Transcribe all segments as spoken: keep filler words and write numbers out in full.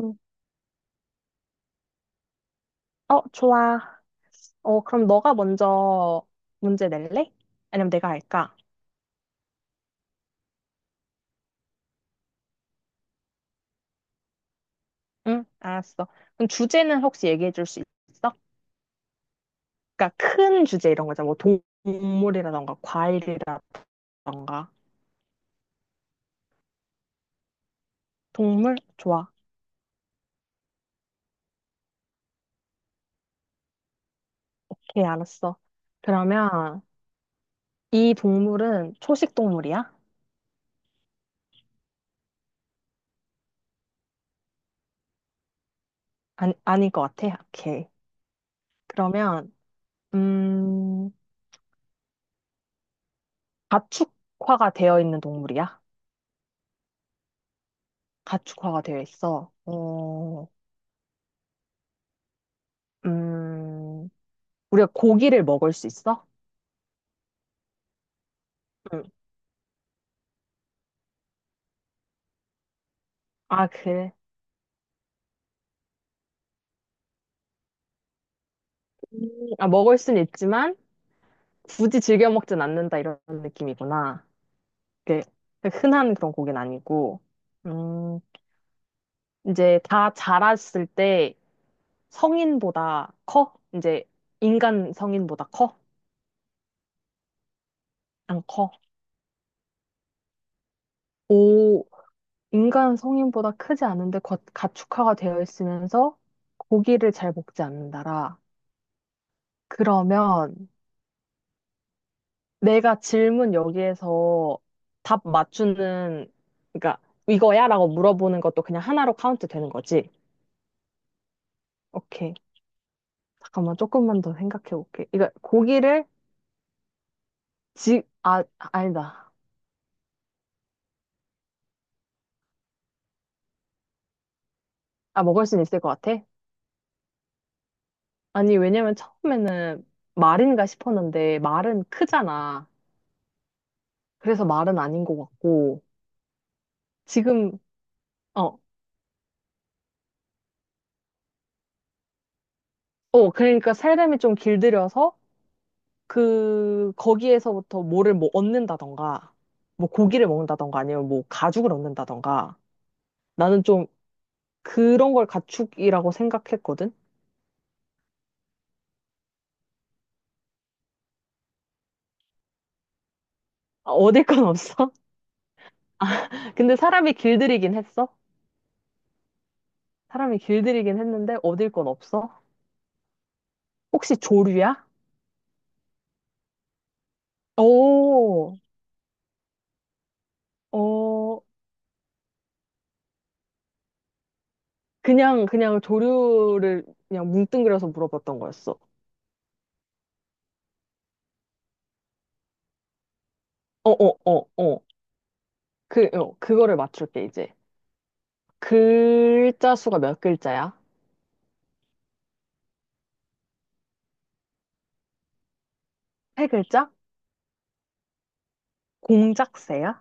음. 어, 좋아. 어, 그럼 너가 먼저 문제 낼래? 아니면 내가 할까? 응, 알았어. 그럼 주제는 혹시 얘기해 줄 수 있어? 그러니까 큰 주제 이런 거잖아. 뭐 동물이라던가 과일이라던가. 동물? 좋아. 오케이, 알았어. 그러면 이 동물은 초식 동물이야? 아니, 아닐 것 같아. 오케이. 그러면 음, 가축화가 되어 있는 동물이야? 가축화가 되어 있어. 어, 음, 우리가 고기를 먹을 수 있어? 응. 아, 그래. 음, 아, 먹을 순 있지만 굳이 즐겨 먹진 않는다 이런 느낌이구나. 그 흔한 그런 고기는 아니고. 음, 이제 다 자랐을 때 성인보다 커? 이제 인간 성인보다 커? 안 커? 오, 인간 성인보다 크지 않은데 겉- 가축화가 되어 있으면서 고기를 잘 먹지 않는다라. 그러면 내가 질문 여기에서 답 맞추는, 그러니까 이거야? 라고 물어보는 것도 그냥 하나로 카운트 되는 거지. 오케이. 잠깐만, 조금만 더 생각해 볼게. 이거 고기를 지, 아, 아니다. 아, 먹을 수는 있을 것 같아? 아니, 왜냐면 처음에는 말인가 싶었는데, 말은 크잖아. 그래서 말은 아닌 것 같고, 지금, 어, 어, 그러니까 살림이 좀 길들여서 그, 거기에서부터 뭐를 뭐 얻는다던가, 뭐 고기를 먹는다던가, 아니면 뭐 가죽을 얻는다던가. 나는 좀 그런 걸 가축이라고 생각했거든? 아, 얻을 건 없어? 아, 근데 사람이 길들이긴 했어? 사람이 길들이긴 했는데 얻을 건 없어? 혹시 조류야? 오, 어, 그냥, 그냥 조류를 그냥 뭉뚱그려서 물어봤던 거였어. 어, 어, 어, 어. 그, 어, 그거를 맞출게, 이제. 글자 수가 몇 글자야? 세 글자? 공작새야?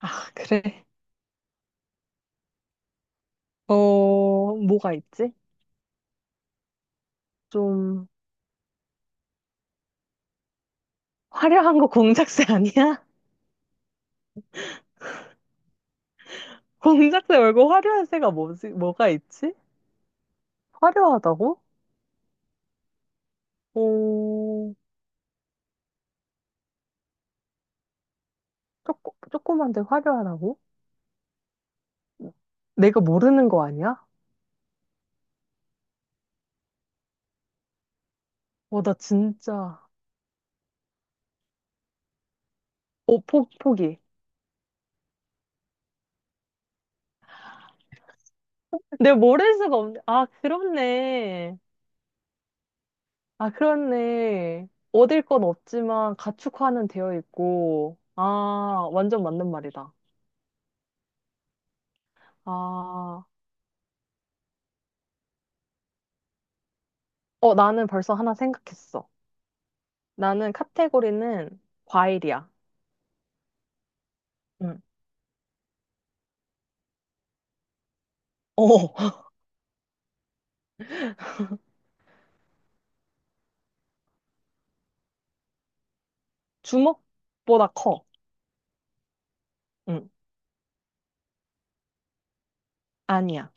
아, 그래. 어, 뭐가 있지? 좀 화려한 거 공작새 아니야? 공작새 말고 화려한 새가 뭐지? 뭐가 있지? 화려하다고? 어, 조금 조그만데 화려하다고? 내가 모르는 거 아니야? 어, 나 진짜. 어, 포, 포기. 내가 모를 수가 없네. 아, 그렇네. 아, 그렇네. 얻을 건 없지만 가축화는 되어 있고. 아, 완전 맞는 말이다. 아, 어, 나는 벌써 하나 생각했어. 나는 카테고리는 과일이야. 응. 어, 주먹보다 커. 응. 아니야.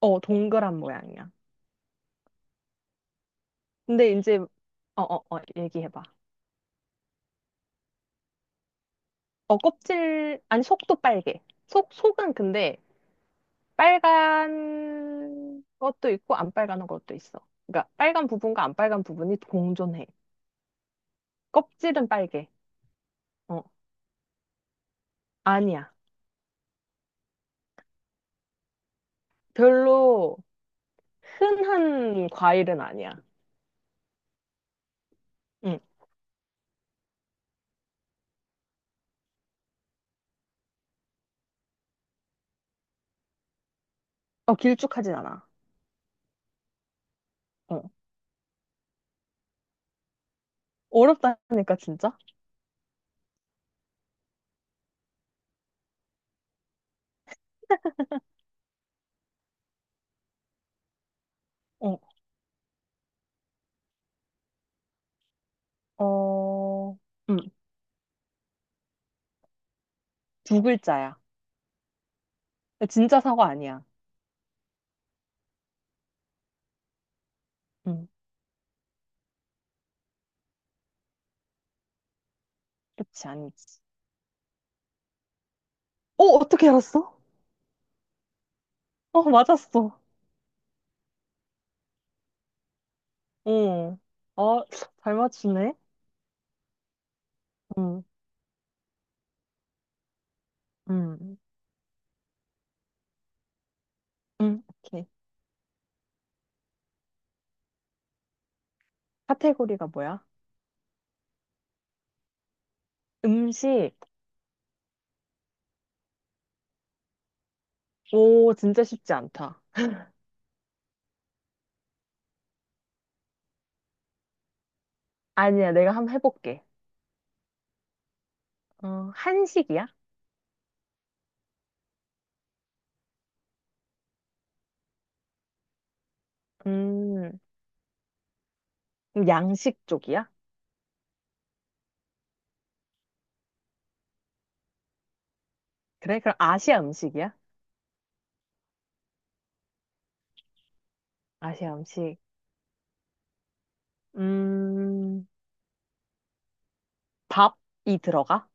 어, 동그란 모양이야. 근데 이제, 어, 어, 어, 얘기해봐. 어, 껍질, 아니, 속도 빨개. 속, 속은 근데 빨간 것도 있고 안 빨간 것도 있어. 그러니까 빨간 부분과 안 빨간 부분이 공존해. 껍질은 빨개. 어, 아니야. 별로 흔한 과일은 아니야. 응. 어, 길쭉하진 않아. 어. 어렵다니까, 진짜? 어, 어, 음, 두 글자야. 진짜 사과 아니야. 음, 그치, 아니지. 어, 어떻게 알았어? 어, 맞았어. 어, 어, 잘 맞추네. 음, 음, 음, 오케이. 카테고리가 뭐야? 음식. 오, 진짜 쉽지 않다. 아니야, 내가 한번 해볼게. 어, 한식이야? 음, 그럼 양식 쪽이야? 그래? 그럼 아시아 음식이야? 아시아 음식. 음, 밥이 들어가?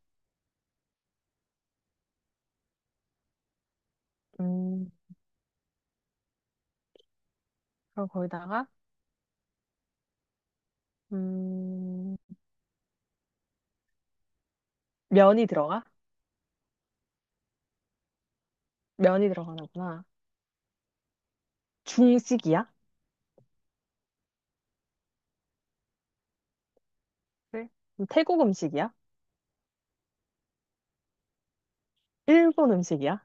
음, 그럼 거기다가 음, 면이 들어가? 면이 들어가는구나. 중식이야? 그 그럼 태국 음식이야? 일본 음식이야?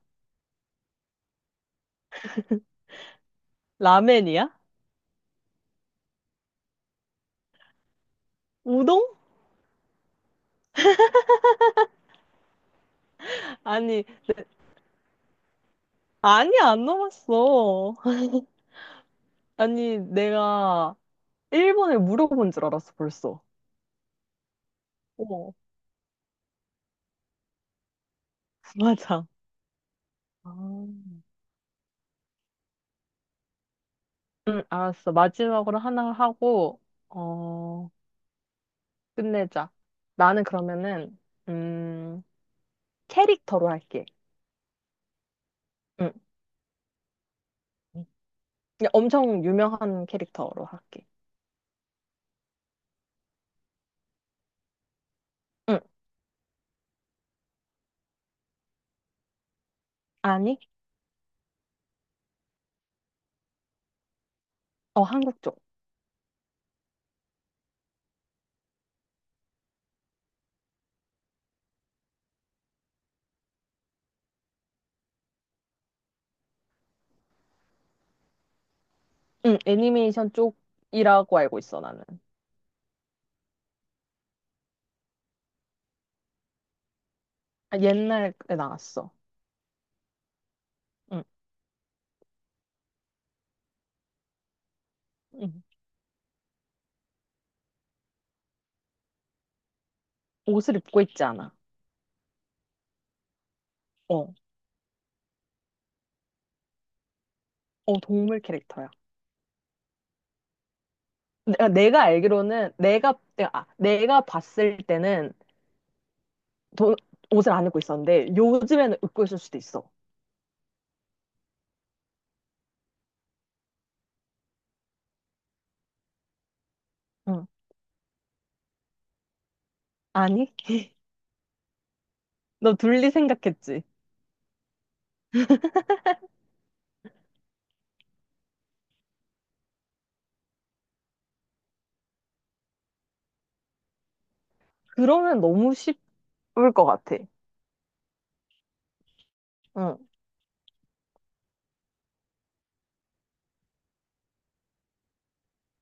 라멘이야? 우동? 아니, 아니 안 넘었어. 아니, 내가 일본을 물어본 줄 알았어, 벌써. 어, 맞아. 아, 응, 알았어. 마지막으로 하나 하고, 어, 끝내자. 나는 그러면은, 음, 캐릭터로 할게. 응. 그냥 엄청 유명한 캐릭터로 할게. 응, 아니? 어, 한국 쪽. 응, 애니메이션 쪽이라고 알고 있어, 나는. 아, 옛날에 나왔어. 응, 응. 옷을 입고 있지 않아. 어, 어, 동물 캐릭터야. 내가, 내가 알기로는, 내가, 내가- 아, 내가 봤을 때는 도, 옷을 안 입고 있었는데, 요즘에는 입고 있을 수도 있어. 응, 아니? 너 둘리 생각했지? 그러면 너무 쉽을 것 같아. 응,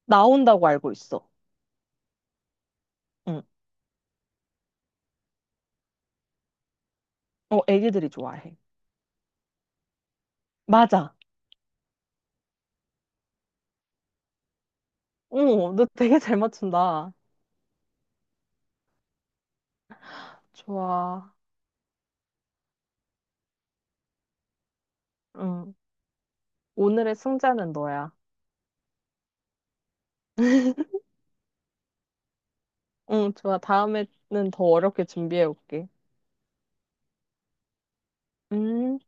나온다고 알고 있어. 응, 어, 애기들이 좋아해. 맞아. 오, 너 되게 잘 맞춘다. 좋아. 응. 오늘의 승자는 너야. 응, 좋아. 다음에는 더 어렵게 준비해 올게. 음.